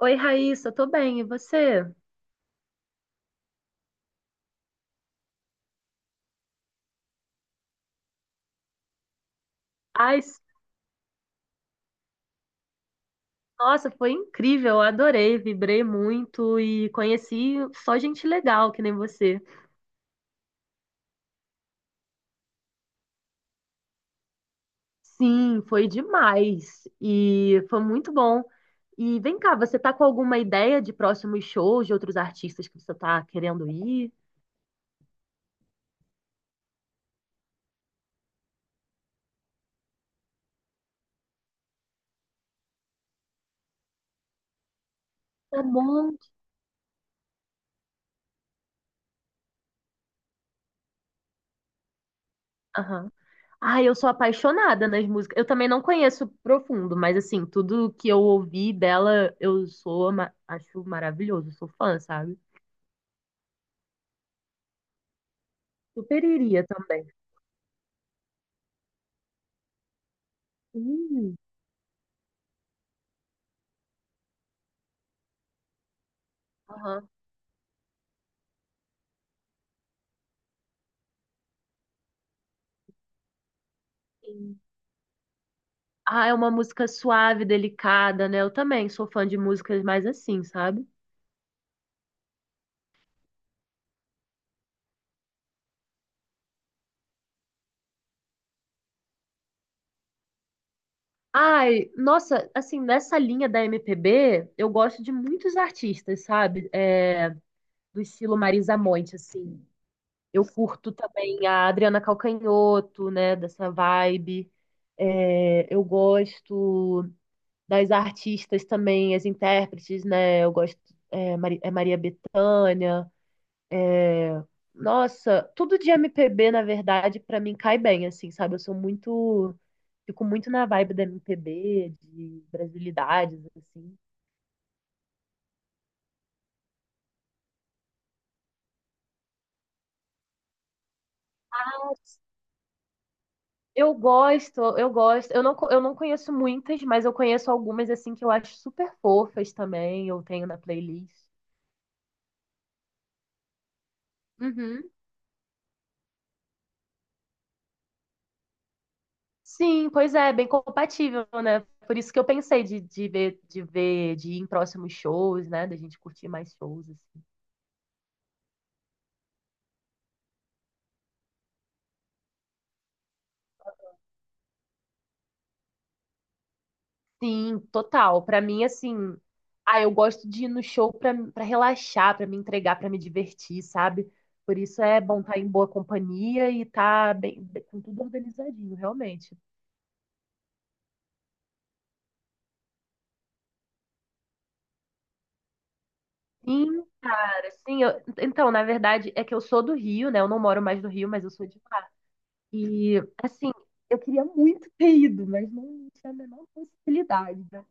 Oi, Raíssa, tô bem, e você? Ai, s- Nossa, foi incrível, eu adorei, vibrei muito e conheci só gente legal, que nem você. Sim, foi demais e foi muito bom. E vem cá, você tá com alguma ideia de próximos shows de outros artistas que você tá querendo ir? Um monte. Aham. Ai, eu sou apaixonada nas músicas. Eu também não conheço profundo, mas assim, tudo que eu ouvi dela, acho maravilhoso, sou fã, sabe? Super iria também. Hum. Aham. Sim. Ah, é uma música suave, delicada, né? Eu também sou fã de músicas mais assim, sabe? Ai, nossa, assim, nessa linha da MPB, eu gosto de muitos artistas, sabe? É, do estilo Marisa Monte, assim. Eu curto também a Adriana Calcanhoto, né? Dessa vibe. É, eu gosto das artistas também, as intérpretes, né? Eu gosto, é, Mari- É Maria Bethânia. Nossa, tudo de MPB, na verdade, pra mim cai bem, assim, sabe? Eu sou muito. Fico muito na vibe da MPB, de brasilidades, assim. Eu gosto, eu gosto. Eu não conheço muitas, mas eu conheço algumas, assim, que eu acho super fofas também. Eu tenho na playlist. Uhum. Sim, pois é, bem compatível, né? Por isso que eu pensei de ver, de ir em próximos shows, né? Da gente curtir mais shows, assim. Sim, total. Pra mim, assim, ah, eu gosto de ir no show pra para relaxar, pra me entregar, pra me divertir, sabe? Por isso é bom estar em boa companhia e tá bem, com tudo organizadinho, realmente. Sim, cara, sim. Então, na verdade, é que eu sou do Rio, né? Eu não moro mais no Rio, mas eu sou de lá. E, assim, eu queria muito ter ido, mas não tinha a menor possibilidade, né?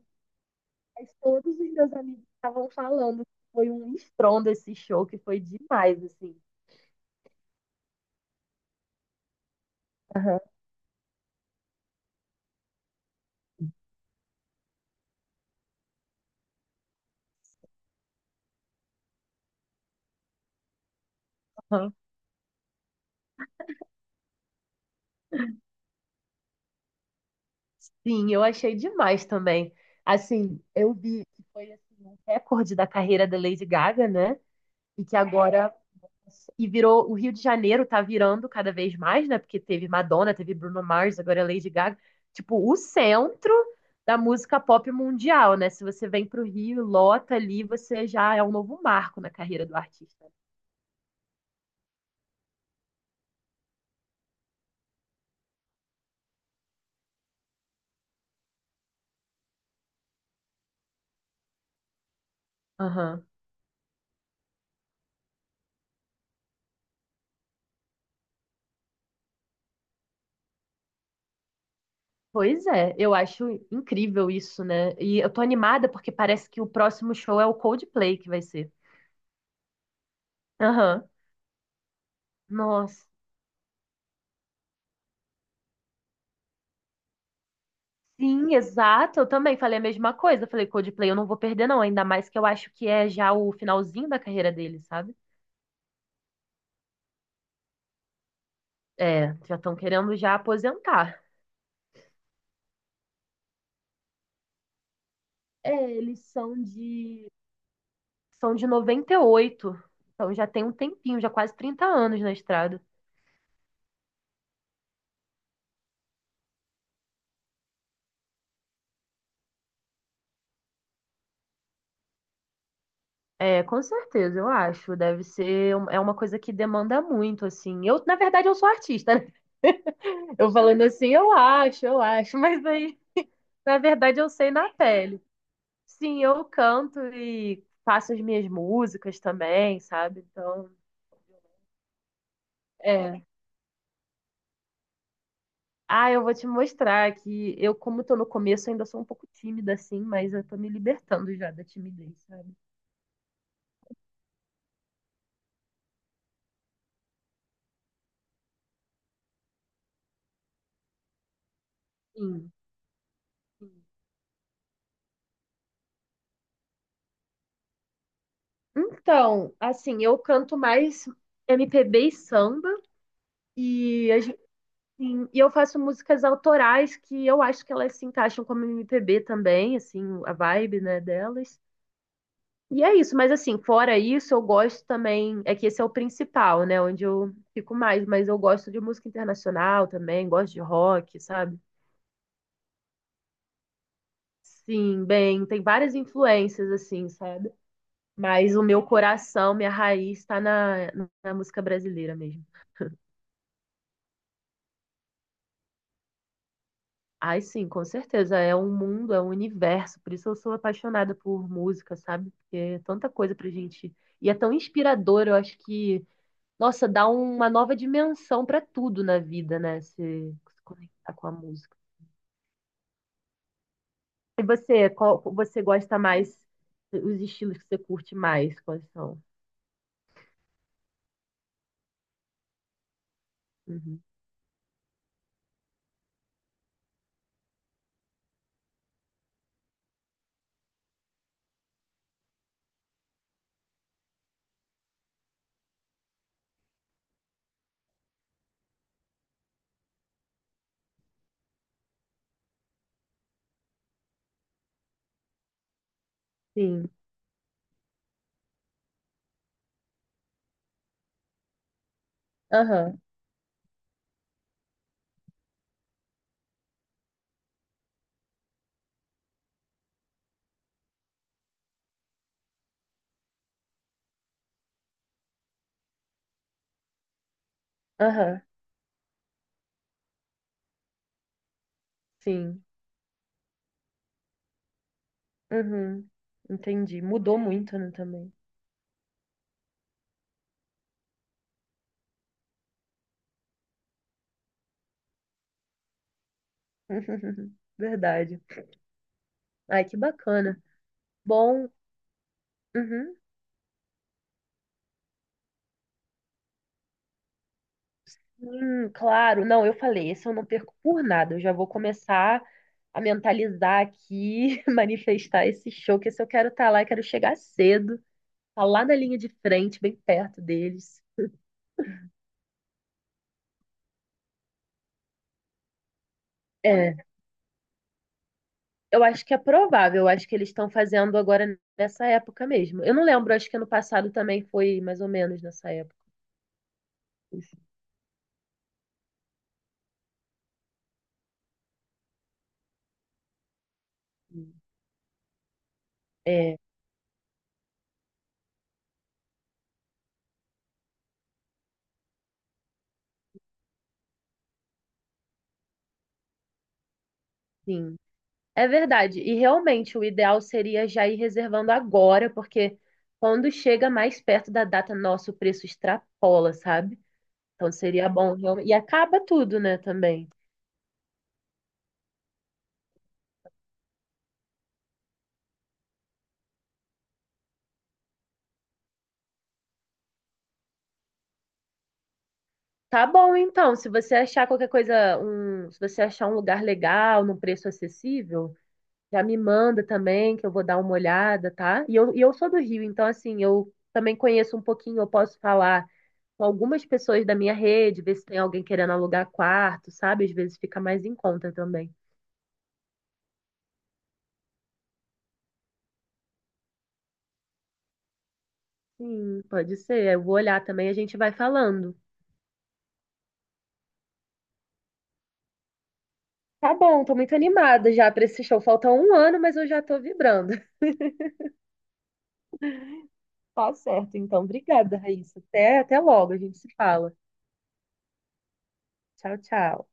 Mas todos os meus amigos estavam falando que foi um estrondo esse show, que foi demais, assim. Aham. Sim, eu achei demais também. Assim, eu vi que foi assim, um recorde da carreira da Lady Gaga, né? E que agora e virou o Rio de Janeiro tá virando cada vez mais, né? Porque teve Madonna, teve Bruno Mars, agora é Lady Gaga, tipo o centro da música pop mundial, né? Se você vem pro Rio, e lota ali, você já é um novo marco na carreira do artista. Aham. Pois é, eu acho incrível isso, né? E eu tô animada porque parece que o próximo show é o Coldplay que vai ser. Aham. Nossa, sim, exato. Eu também falei a mesma coisa. Eu falei, Coldplay, eu não vou perder, não. Ainda mais que eu acho que é já o finalzinho da carreira dele, sabe? É, já estão querendo já aposentar. É, eles são de 98. Então já tem um tempinho, já quase 30 anos na estrada. É, com certeza, eu acho. Deve ser, é uma coisa que demanda muito, assim. Eu, na verdade, eu sou artista, né? Eu falando assim, eu acho, mas aí, na verdade, eu sei na pele. Sim, eu canto e faço as minhas músicas também, sabe? Então, é. Ah, eu vou te mostrar que eu, como tô no começo, ainda sou um pouco tímida, assim, mas eu tô me libertando já da timidez, sabe? Sim. Sim. Então, assim, eu canto mais MPB e samba, e, sim, e eu faço músicas autorais que eu acho que elas se encaixam como MPB também, assim, a vibe, né, delas. E é isso, mas assim, fora isso, eu gosto também. É que esse é o principal, né? Onde eu fico mais, mas eu gosto de música internacional também, gosto de rock, sabe? Sim, bem, tem várias influências, assim, sabe? Mas o meu coração, minha raiz está na, na música brasileira mesmo. Ai, sim, com certeza. É um mundo, é um universo. Por isso eu sou apaixonada por música, sabe? Porque é tanta coisa pra gente. E é tão inspirador, eu acho que. Nossa, dá uma nova dimensão para tudo na vida, né? Se conectar com a música. E você, qual você gosta mais, os estilos que você curte mais, quais são? Uhum. Sim. Aham, aham, sim. Uhum. Entendi. Mudou muito, né, também. Verdade. Ai, que bacana. Bom, uhum. Claro. Não, eu falei, esse eu não perco por nada. Eu já vou começar a mentalizar aqui, manifestar esse show, que esse eu quero estar lá, eu quero chegar cedo, tá lá na linha de frente, bem perto deles. É, eu acho que é provável, eu acho que eles estão fazendo agora nessa época mesmo. Eu não lembro, acho que ano passado também foi mais ou menos nessa época. Enfim. É, sim. É verdade. E realmente o ideal seria já ir reservando agora, porque quando chega mais perto da data, nosso preço extrapola, sabe? Então seria bom realmente. E acaba tudo, né, também. Tá bom, então. Se você achar qualquer coisa, um, se você achar um lugar legal, num preço acessível, já me manda também, que eu vou dar uma olhada, tá? E eu sou do Rio, então assim, eu também conheço um pouquinho, eu posso falar com algumas pessoas da minha rede, ver se tem alguém querendo alugar quarto, sabe? Às vezes fica mais em conta também. Sim, pode ser. Eu vou olhar também, a gente vai falando. Tá bom, tô muito animada já pra esse show. Falta um ano, mas eu já tô vibrando. Tá certo, então. Obrigada, Raíssa. Até, até logo, a gente se fala. Tchau, tchau.